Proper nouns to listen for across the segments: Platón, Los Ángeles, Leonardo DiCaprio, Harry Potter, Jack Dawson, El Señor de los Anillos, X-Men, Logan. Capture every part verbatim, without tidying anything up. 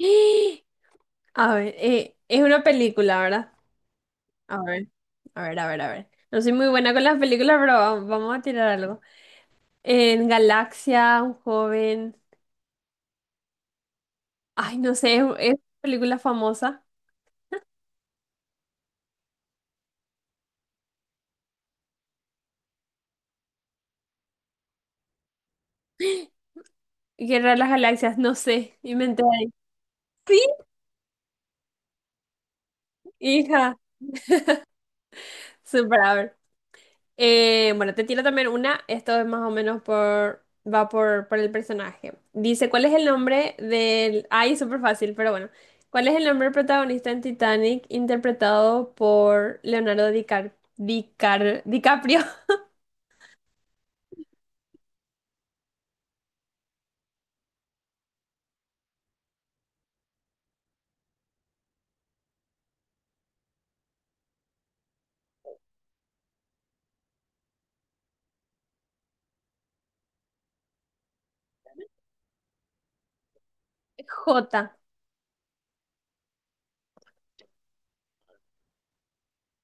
¡Ah! A ver, eh, es una película, ¿verdad? A ver, a ver, a ver, a ver. No soy muy buena con las películas, pero va- vamos a tirar algo. En Galaxia, un joven. Ay, no sé, es, es una película famosa. Guerra de las Galaxias, no sé. Inventé. Sí, hija, súper, a ver. Eh, bueno, te tiro también una. Esto es más o menos por. Va por, por el personaje. Dice, ¿cuál es el nombre del. Ay, súper fácil, pero bueno. ¿Cuál es el nombre del protagonista en Titanic interpretado por Leonardo DiCar... Dicar... DiCaprio? J.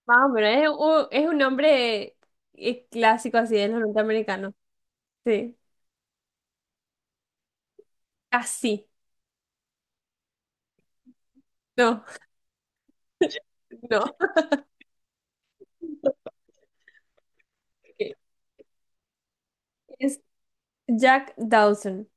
Más o menos. Es un, es un nombre eh, clásico así de los norteamericanos. Sí. Casi. No, no. Ok. Es Jack Dawson.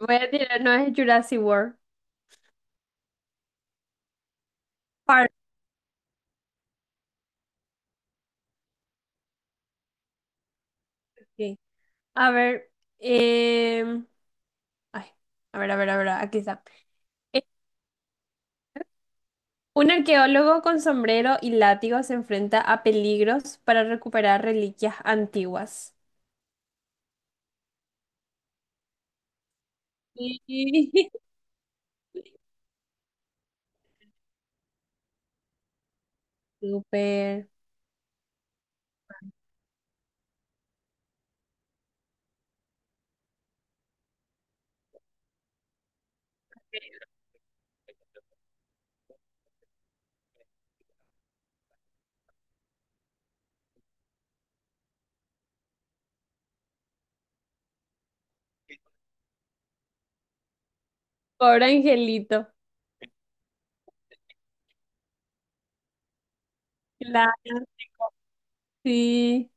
Voy a tirar, no es Jurassic World. Parque. A ver, em, ay, a ver, a ver, a ver, aquí está. Eh, Un arqueólogo con sombrero y látigo se enfrenta a peligros para recuperar reliquias antiguas. Sí. Súper. Pobre angelito. Claro, sí.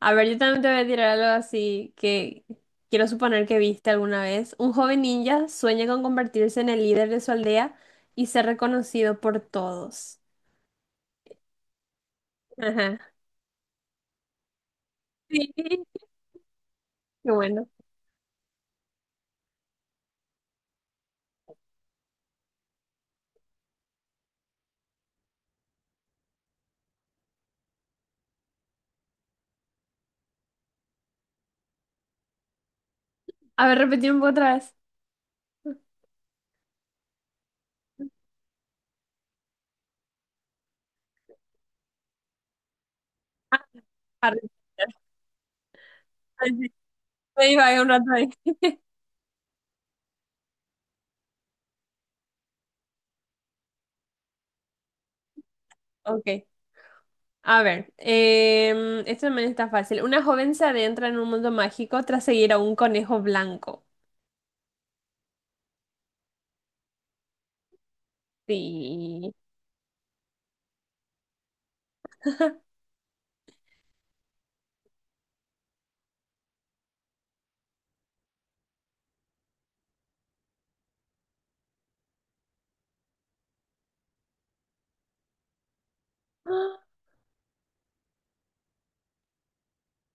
A ver, yo también te voy a tirar algo así que quiero suponer que viste alguna vez. Un joven ninja sueña con convertirse en el líder de su aldea y ser reconocido por todos. Ajá. Sí, qué bueno. A ver, repetir un poco otra vez. Ah, Harry Potter. Me iba a ir un rato ahí. Ok. A ver, em, esto también está fácil. Una joven se adentra en un mundo mágico tras seguir a un conejo blanco. Sí.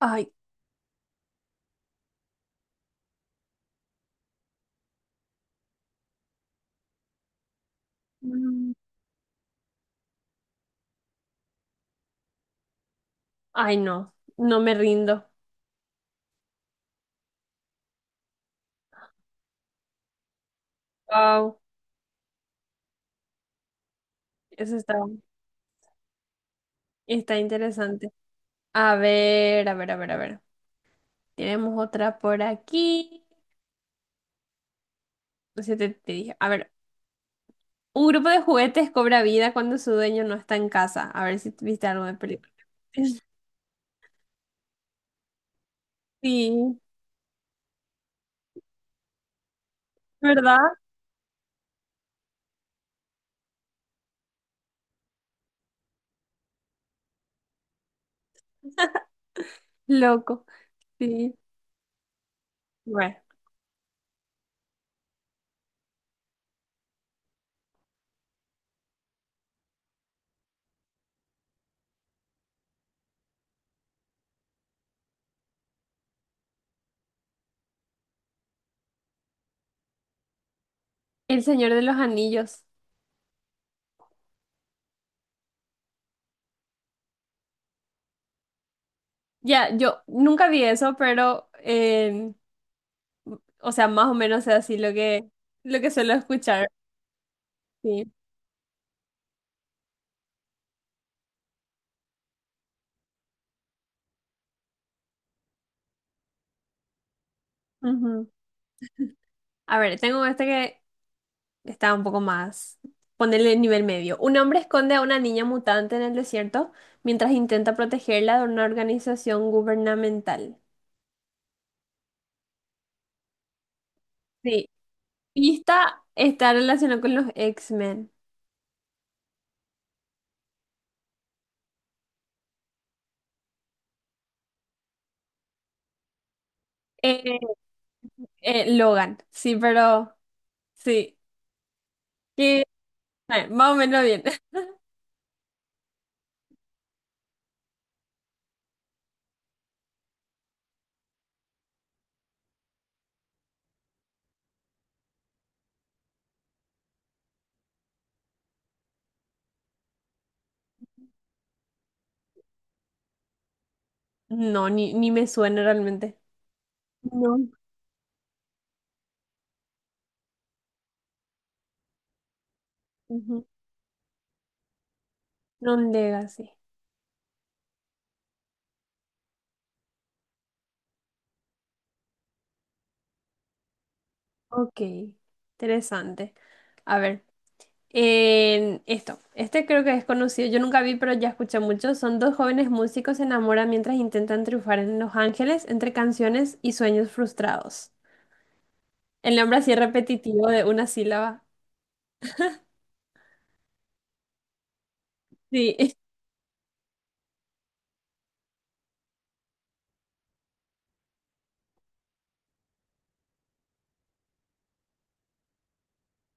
Ay, mm, ay, no, no me rindo. Wow, eso está, está interesante. A ver, a ver, a ver, a ver. Tenemos otra por aquí. No sé, te, te dije. A ver, un grupo de juguetes cobra vida cuando su dueño no está en casa. A ver si viste algo de película. Sí, ¿verdad? Loco. Sí. Bueno. El Señor de los Anillos. Ya, yo nunca vi eso, pero, eh, o sea, más o menos es así lo que, lo que suelo escuchar. Sí. Ujú. A ver, tengo este que está un poco más. Ponerle nivel medio. Un hombre esconde a una niña mutante en el desierto mientras intenta protegerla de una organización gubernamental. Sí, pista, está relacionado con los X-Men. Eh, eh, Logan, sí, pero sí. Que, eh, más o menos bien. No, ni, ni me suena realmente. No. Ujú. Non Legacy. Ok, interesante. A ver, en esto. Este creo que es conocido. Yo nunca vi, pero ya escuché mucho. Son dos jóvenes músicos se enamoran mientras intentan triunfar en Los Ángeles entre canciones y sueños frustrados. El nombre así repetitivo de una sílaba. Sí.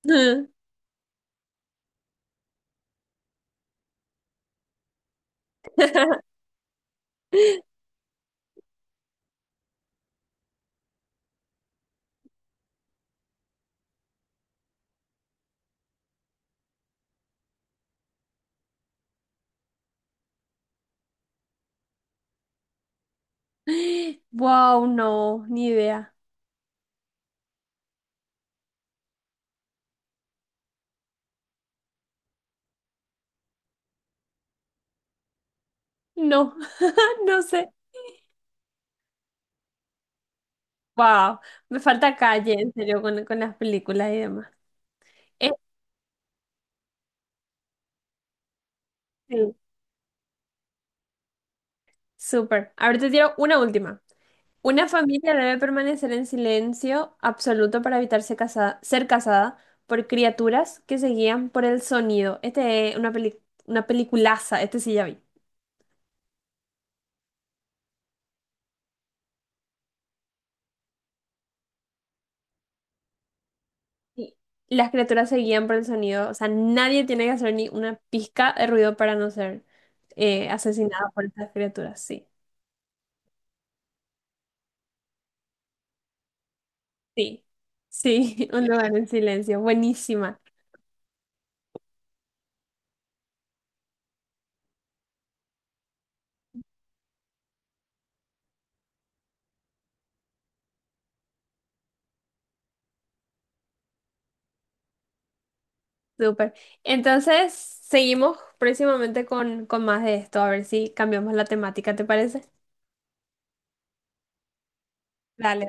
Wow, no, ni idea. No, no sé. Wow, me falta calle, en serio, con, con las películas y demás. Este, súper. Ahora te tiro una última. Una familia debe permanecer en silencio absoluto para evitar ser casada, ser casada por criaturas que se guían por el sonido. Este es una peli- una peliculaza, este sí ya vi. Y las criaturas se guían por el sonido, o sea, nadie tiene que hacer ni una pizca de ruido para no ser eh, asesinado por estas criaturas, sí. Sí, sí, un lugar en silencio, buenísima, súper. Entonces, seguimos próximamente con, con más de esto, a ver si cambiamos la temática, ¿te parece? Dale.